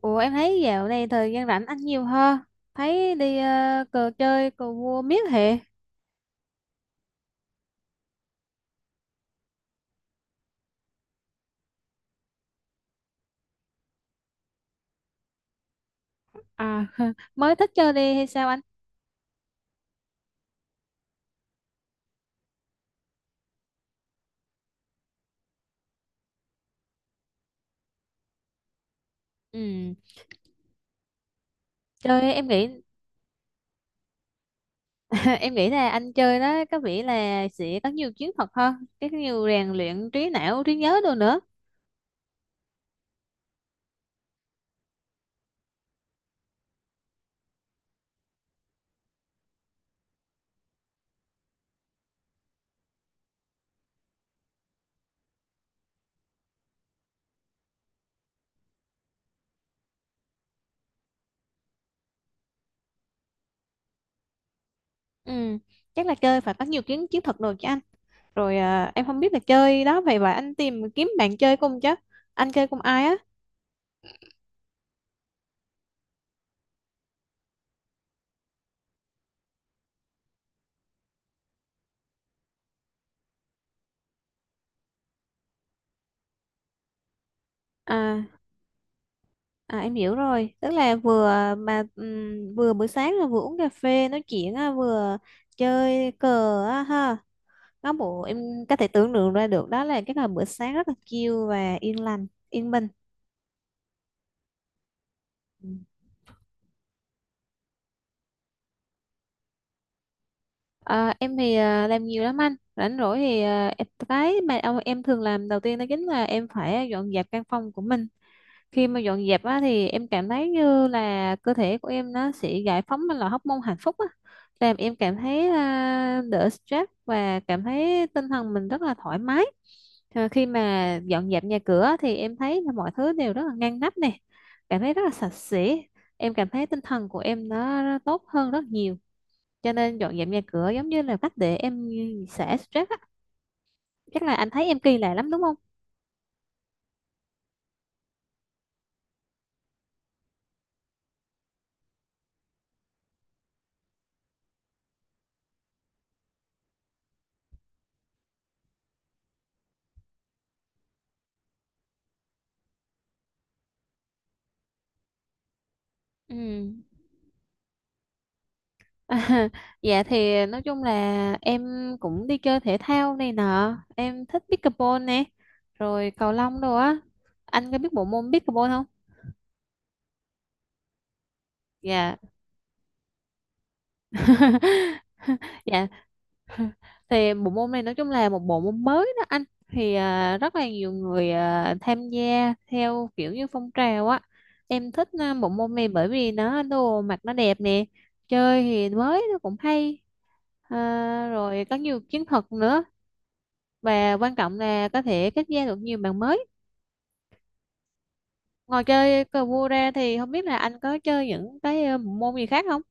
Ủa em thấy dạo này thời gian rảnh anh nhiều ha. Thấy đi ờ, cờ chơi cờ vua miết hệ. À mới thích chơi đi hay sao anh? Ừ, chơi em nghĩ em nghĩ là anh chơi đó có vẻ là sẽ có nhiều chiến thuật hơn, cái nhiều rèn luyện trí não, trí nhớ đồ nữa. Ừ, chắc là chơi phải có nhiều chiến chiến thuật đồ chứ anh. Rồi em không biết là chơi đó vậy và anh tìm kiếm bạn chơi cùng chứ. Anh chơi cùng ai á? À À, em hiểu rồi, tức là vừa mà vừa buổi sáng là vừa uống cà phê nói chuyện á, vừa chơi cờ á ha. Có bộ em có thể tưởng tượng ra được đó là cái là bữa sáng rất là chill và yên lành, yên bình. Ừ. À, em thì làm nhiều lắm anh, rảnh rỗi thì em thường làm đầu tiên đó chính là em phải dọn dẹp căn phòng của mình. Khi mà dọn dẹp á, thì em cảm thấy như là cơ thể của em nó sẽ giải phóng ra loại hormone hạnh phúc á, làm em cảm thấy đỡ stress và cảm thấy tinh thần mình rất là thoải mái. À, khi mà dọn dẹp nhà cửa thì em thấy là mọi thứ đều rất là ngăn nắp nè, cảm thấy rất là sạch sẽ, em cảm thấy tinh thần của em nó tốt hơn rất nhiều, cho nên dọn dẹp nhà cửa giống như là cách để em xả stress á. Chắc là anh thấy em kỳ lạ lắm đúng không? Ừ. À, dạ thì nói chung là em cũng đi chơi thể thao này nọ, em thích pickleball nè, rồi cầu lông đồ á. Anh có biết bộ môn pickleball không? Dạ dạ thì bộ môn này nói chung là một bộ môn mới đó anh, thì rất là nhiều người tham gia theo kiểu như phong trào á. Em thích bộ môn này bởi vì nó đồ mặc nó đẹp nè, chơi thì mới nó cũng hay. À, rồi có nhiều chiến thuật nữa, và quan trọng là có thể kết giao được nhiều bạn mới. Ngoài chơi cờ vua ra thì không biết là anh có chơi những cái bộ môn gì khác không?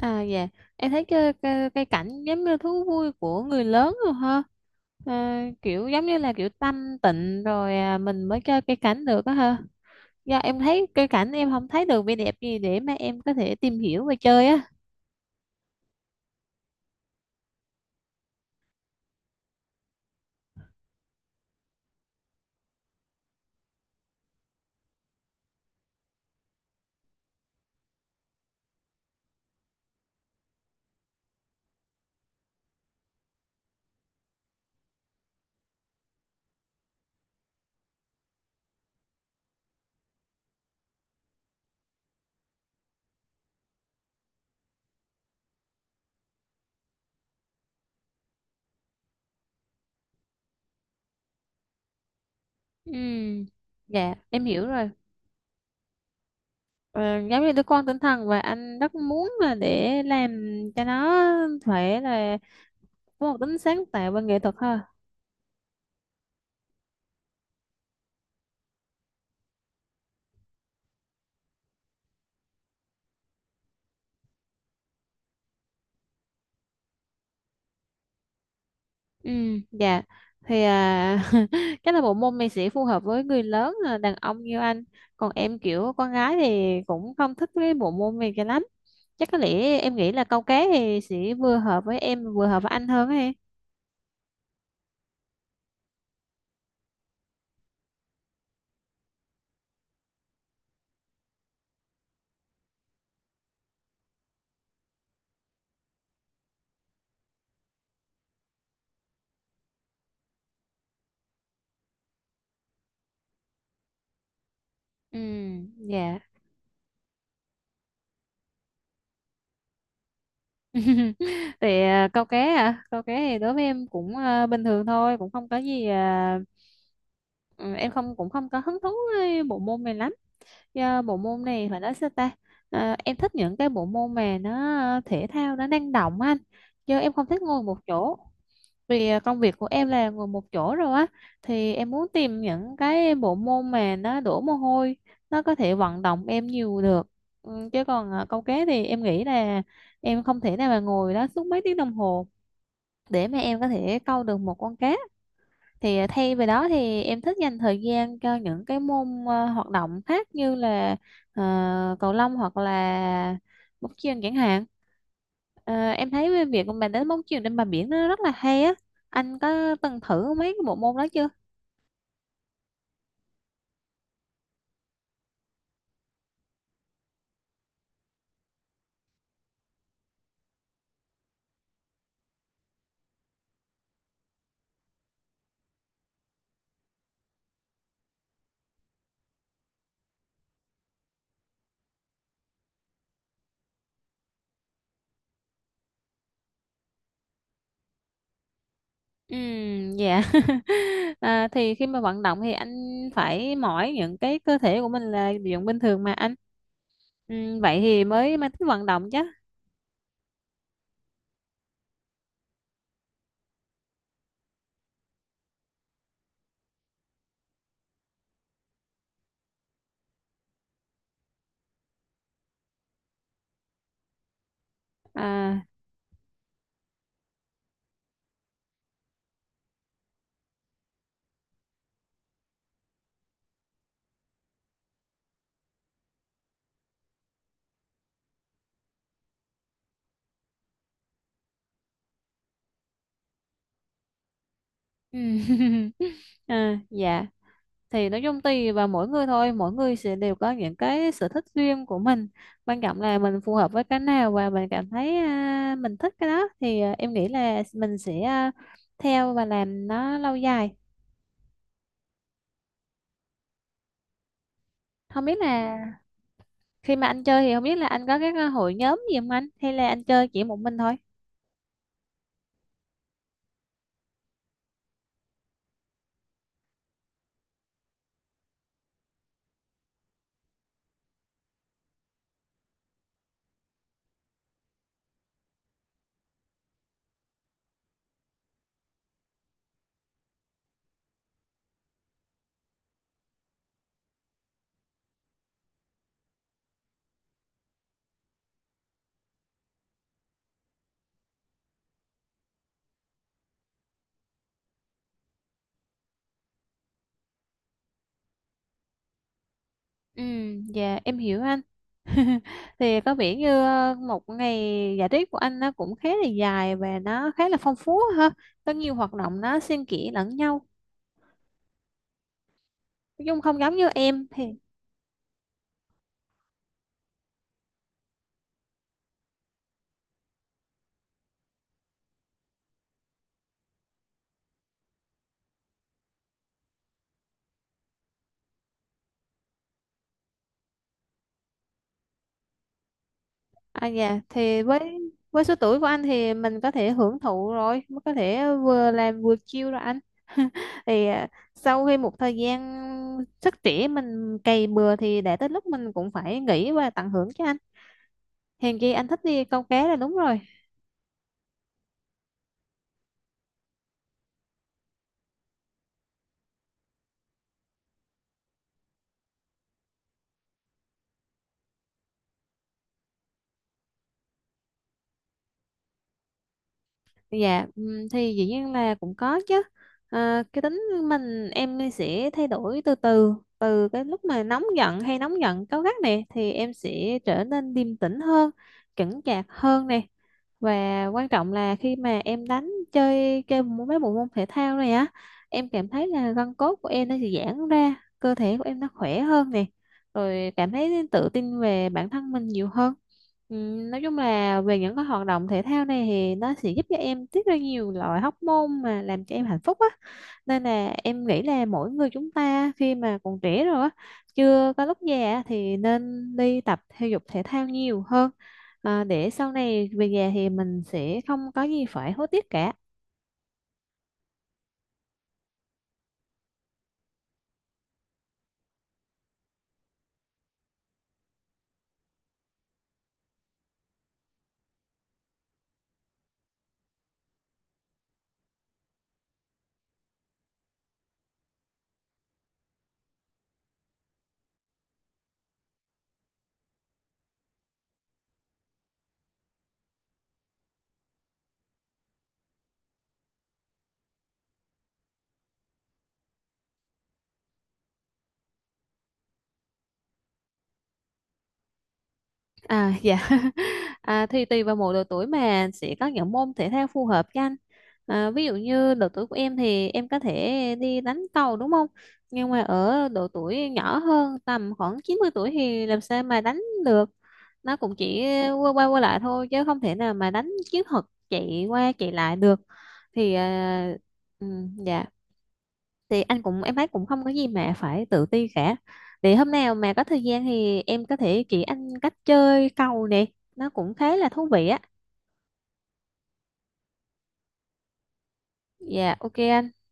À dạ, em thấy cái cảnh giống như thú vui của người lớn rồi ha. À, kiểu giống như là kiểu tanh tịnh rồi mình mới chơi cây cảnh được á ha. Do em thấy cây cảnh em không thấy được vẻ đẹp gì để mà em có thể tìm hiểu và chơi á. Ừ, dạ, em hiểu rồi. Ờ, giống như đứa con tinh thần, và anh rất muốn là để làm cho nó phải là có một tính sáng tạo và nghệ thuật ha. Ừ, dạ thì chắc là bộ môn này sẽ phù hợp với người lớn, đàn ông như anh, còn em kiểu con gái thì cũng không thích cái bộ môn này cho lắm. Chắc có lẽ em nghĩ là câu cá thì sẽ vừa hợp với em vừa hợp với anh hơn ấy. Ừ, dạ thì câu cá câu cá thì đối với em cũng bình thường thôi, cũng không có gì à, ừ, em không, cũng không có hứng thú với bộ môn này lắm, do bộ môn này phải nói sao ta. Ờ, em thích những cái bộ môn mà nó ờ, thể thao nó năng động á anh, chứ em không thích ngồi một chỗ, vì công việc của em là ngồi một chỗ rồi á, thì em muốn tìm những cái bộ môn mà nó đổ mồ hôi, nó có thể vận động em nhiều được. Ừ, chứ còn câu cá thì em nghĩ là em không thể nào mà ngồi đó suốt mấy tiếng đồng hồ để mà em có thể câu được một con cá, thì ờ, thay vì đó thì em thích dành thời gian cho những cái môn ờ, hoạt động khác như là ờ, cầu lông hoặc là bóng chuyền chẳng hạn. Ờ, em thấy cái việc mà đánh bóng chuyền trên bờ biển nó rất là hay á. Anh có từng thử mấy cái bộ môn đó chưa? Ừ, dạ à, thì khi mà vận động thì anh phải mỏi những cái cơ thể của mình là dụng bình thường mà anh. Ừ, vậy thì mới mới thích vận động chứ. À ừ. à, dạ thì nói chung tùy vào mỗi người thôi, mỗi người sẽ đều có những cái sở thích riêng của mình, quan trọng là mình phù hợp với cái nào và mình cảm thấy mình thích cái đó thì em nghĩ là mình sẽ theo và làm nó lâu dài. Không biết là khi mà anh chơi thì không biết là anh có các hội nhóm gì không anh, hay là anh chơi chỉ một mình thôi. Ừ, dạ em hiểu anh. Thì có vẻ như ờ, một ngày giải trí của anh nó cũng khá là dài và nó khá là phong phú ha, có nhiều hoạt động nó xen kẽ lẫn nhau. Dung không giống như em thì à dạ thì với số tuổi của anh thì mình có thể hưởng thụ rồi, mới có thể vừa làm vừa chill rồi anh. Thì sau khi một thời gian sức trẻ mình cày bừa thì đã tới lúc mình cũng phải nghỉ và tận hưởng chứ anh. Hèn chi anh thích đi câu cá là đúng rồi. Dạ, thì dĩ nhiên là cũng có chứ. À, cái tính mình em sẽ thay đổi từ từ, từ cái lúc mà nóng giận hay nóng giận cáu gắt này thì em sẽ trở nên điềm tĩnh hơn, chững chạc hơn này. Và quan trọng là khi mà em đánh chơi chơi môn- mấy bộ môn thể thao này á, em cảm thấy là gân cốt của em nó sẽ giãn ra, cơ thể của em nó khỏe hơn này. Rồi cảm thấy tự tin về bản thân mình nhiều hơn. Nói chung là về những cái hoạt động thể thao này thì nó sẽ giúp cho em tiết ra nhiều loại hormone mà làm cho em hạnh phúc á, nên là em nghĩ là mỗi người chúng ta khi mà còn trẻ rồi á, chưa có lúc già á, thì nên đi tập thể dục thể thao nhiều hơn, để sau này về già thì mình sẽ không có gì phải hối tiếc cả. À dạ à, thì tùy vào mỗi độ tuổi mà sẽ có những môn thể thao phù hợp cho anh, ví dụ như độ tuổi của em thì em có thể đi đánh cầu đúng không, nhưng mà ở độ tuổi nhỏ hơn tầm khoảng 90 tuổi thì làm sao mà đánh được, nó cũng chỉ qua qua, qua lại thôi chứ không thể nào mà đánh chiến thuật chạy qua chạy lại được. Thì à, ừ, dạ thì anh cũng em thấy cũng không có gì mà phải tự ti cả, thì hôm nào mà có thời gian thì em có thể chỉ anh cách chơi cầu nè, nó cũng khá là thú vị á. Dạ ok anh.